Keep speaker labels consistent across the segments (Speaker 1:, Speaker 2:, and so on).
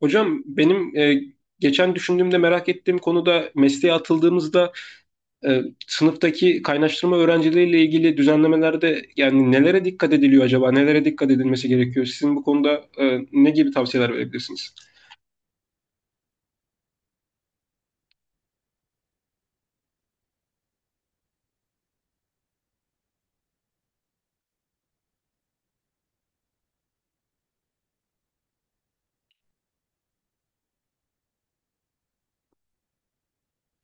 Speaker 1: Hocam benim geçen düşündüğümde merak ettiğim konu da mesleğe atıldığımızda sınıftaki kaynaştırma öğrencileriyle ilgili düzenlemelerde yani nelere dikkat ediliyor acaba? Nelere dikkat edilmesi gerekiyor? Sizin bu konuda ne gibi tavsiyeler verebilirsiniz?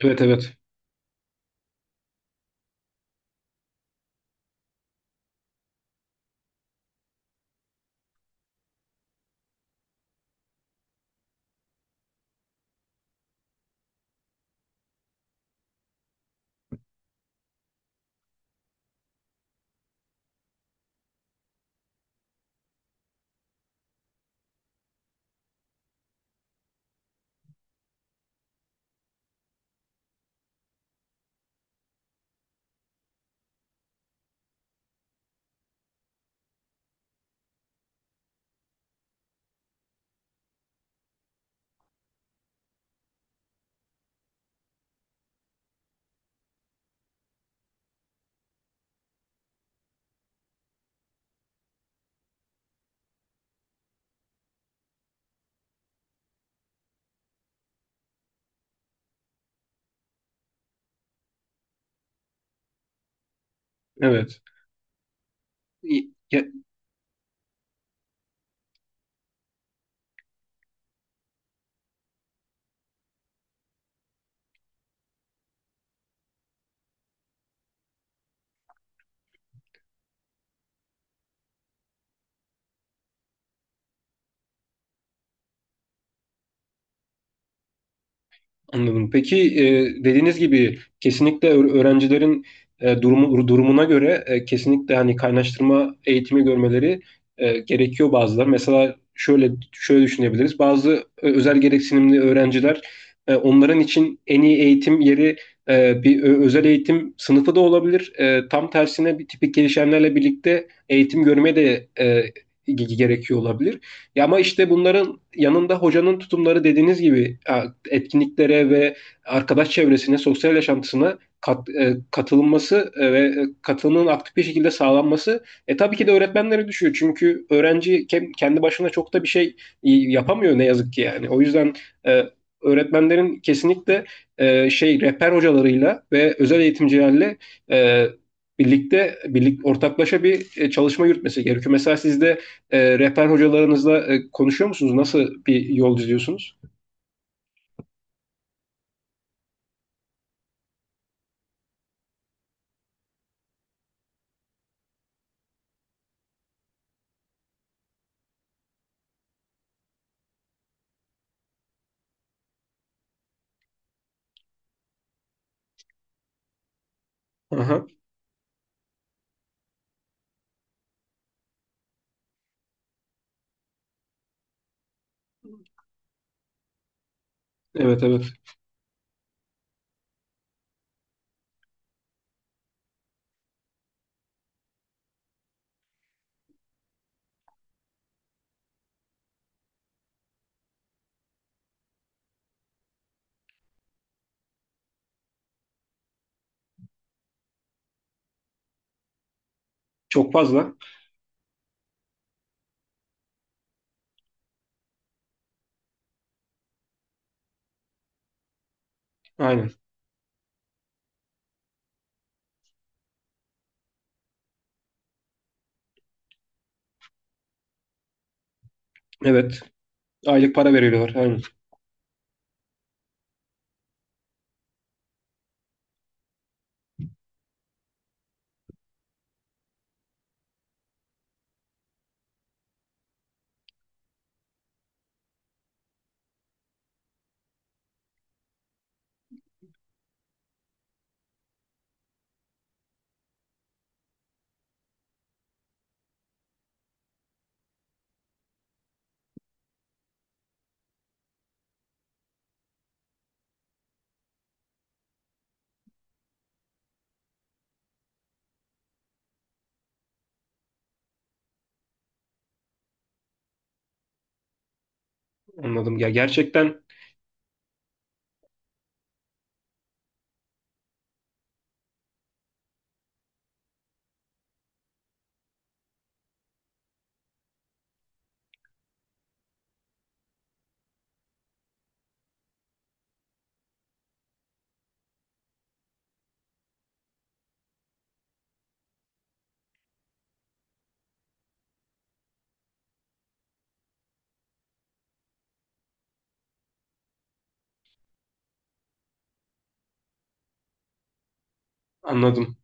Speaker 1: Evet, evet. Evet. Anladım. Peki, e, dediğiniz gibi kesinlikle öğrencilerin durumuna göre kesinlikle hani kaynaştırma eğitimi görmeleri gerekiyor bazıları. Mesela şöyle şöyle düşünebiliriz. Bazı özel gereksinimli öğrenciler onların için en iyi eğitim yeri bir özel eğitim sınıfı da olabilir. Tam tersine bir tipik gelişenlerle birlikte eğitim görmeye de gerekiyor olabilir. Ya ama işte bunların yanında hocanın tutumları dediğiniz gibi etkinliklere ve arkadaş çevresine, sosyal yaşantısına katılınması ve katılımın aktif bir şekilde sağlanması tabii ki de öğretmenlere düşüyor. Çünkü öğrenci kendi başına çok da bir şey yapamıyor ne yazık ki yani. O yüzden e, öğretmenlerin kesinlikle şey rehber hocalarıyla ve özel eğitimcilerle e, birlik ortaklaşa bir çalışma yürütmesi gerekiyor. Mesela sizde rehber hocalarınızla konuşuyor musunuz? Nasıl bir yol izliyorsunuz? Aha. Evet, evet. Çok fazla. Aynen. Evet. Aylık para veriyorlar. Aynen. Anladım. Ya, gerçekten anladım.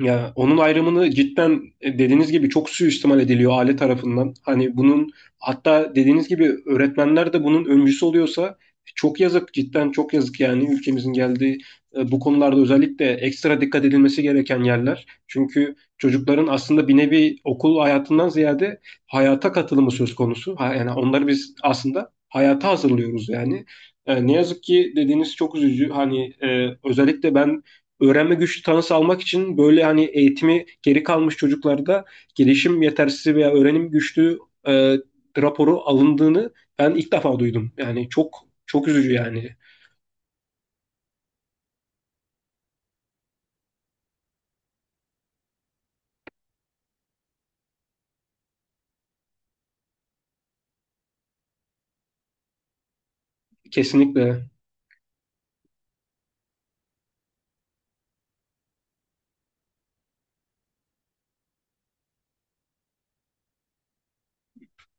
Speaker 1: Ya onun ayrımını cidden dediğiniz gibi çok suistimal ediliyor aile tarafından. Hani bunun, hatta dediğiniz gibi öğretmenler de bunun öncüsü oluyorsa, çok yazık, cidden çok yazık, yani ülkemizin geldiği bu konularda özellikle ekstra dikkat edilmesi gereken yerler. Çünkü çocukların aslında bir nevi okul hayatından ziyade hayata katılımı söz konusu. Yani onları biz aslında hayata hazırlıyoruz yani. Ne yazık ki dediğiniz çok üzücü. Hani özellikle ben, öğrenme güçlüğü tanısı almak için böyle hani eğitimi geri kalmış çocuklarda gelişim yetersizliği veya öğrenim güçlüğü e, raporu alındığını ben ilk defa duydum. Yani çok çok üzücü yani. Kesinlikle.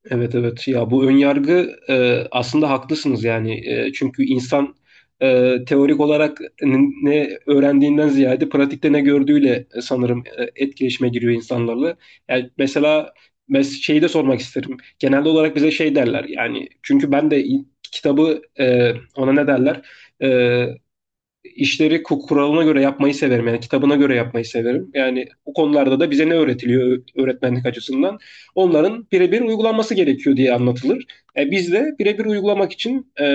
Speaker 1: Evet, evet, ya bu önyargı, aslında haklısınız yani. Çünkü insan teorik olarak ne öğrendiğinden ziyade pratikte ne gördüğüyle sanırım etkileşime giriyor insanlarla. Yani mesela şeyi de sormak isterim. Genelde olarak bize şey derler yani, çünkü ben de kitabı, ona ne derler? E, işleri kuralına göre yapmayı severim. Yani kitabına göre yapmayı severim. Yani bu konularda da bize ne öğretiliyor öğretmenlik açısından? Onların birebir uygulanması gerekiyor diye anlatılır. Biz de birebir uygulamak için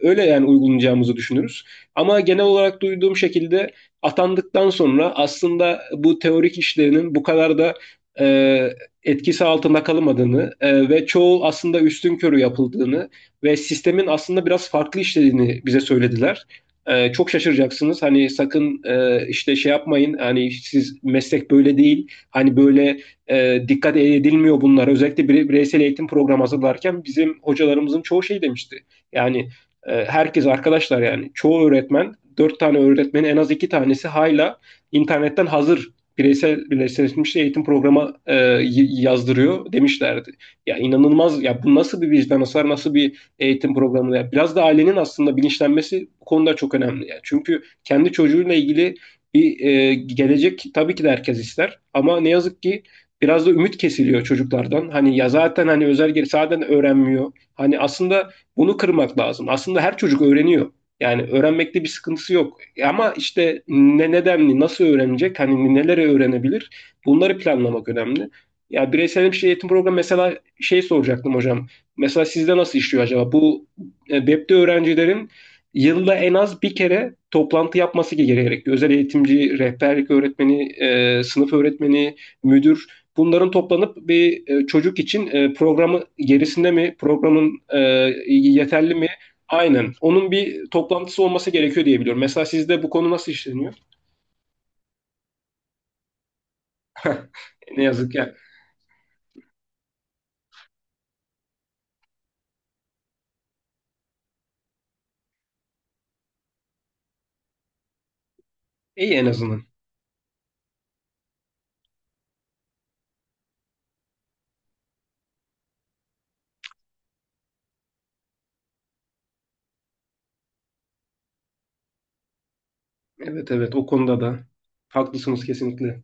Speaker 1: öyle yani uygulayacağımızı düşünürüz. Ama genel olarak duyduğum şekilde atandıktan sonra aslında bu teorik işlerinin bu kadar da e, etkisi altında kalmadığını ve çoğu aslında üstünkörü yapıldığını ve sistemin aslında biraz farklı işlediğini bize söylediler. Çok şaşıracaksınız. Hani sakın işte şey yapmayın. Hani siz, meslek böyle değil. Hani böyle dikkat edilmiyor bunlar. Özellikle bireysel eğitim programı hazırlarken bizim hocalarımızın çoğu şey demişti. Yani herkes arkadaşlar, yani çoğu öğretmen, dört tane öğretmenin en az iki tanesi hala internetten hazır bireysel birleştirilmiş eğitim programı yazdırıyor demişlerdi. Ya inanılmaz ya, bu nasıl bir vicdan, hasar, nasıl bir eğitim programına. Biraz da ailenin aslında bilinçlenmesi bu konuda çok önemli. Yani. Çünkü kendi çocuğuyla ilgili bir gelecek tabii ki de herkes ister. Ama ne yazık ki biraz da ümit kesiliyor çocuklardan. Hani ya zaten, hani özel geri zaten öğrenmiyor. Hani aslında bunu kırmak lazım. Aslında her çocuk öğreniyor. Yani öğrenmekte bir sıkıntısı yok. Ama işte ne nedenli, nasıl öğrenecek, hani neleri öğrenebilir, bunları planlamak önemli. Ya bireysel bir şey eğitim programı, mesela şey soracaktım hocam. Mesela sizde nasıl işliyor acaba? Bu webde öğrencilerin yılda en az bir kere toplantı yapması gerekiyor. Özel eğitimci, rehberlik öğretmeni, sınıf öğretmeni, müdür, bunların toplanıp bir çocuk için programı gerisinde mi, programın yeterli mi? Aynen. Onun bir toplantısı olması gerekiyor diye biliyorum. Mesela sizde bu konu nasıl işleniyor? Ne yazık ya. İyi en azından. Evet, evet, o konuda da haklısınız kesinlikle.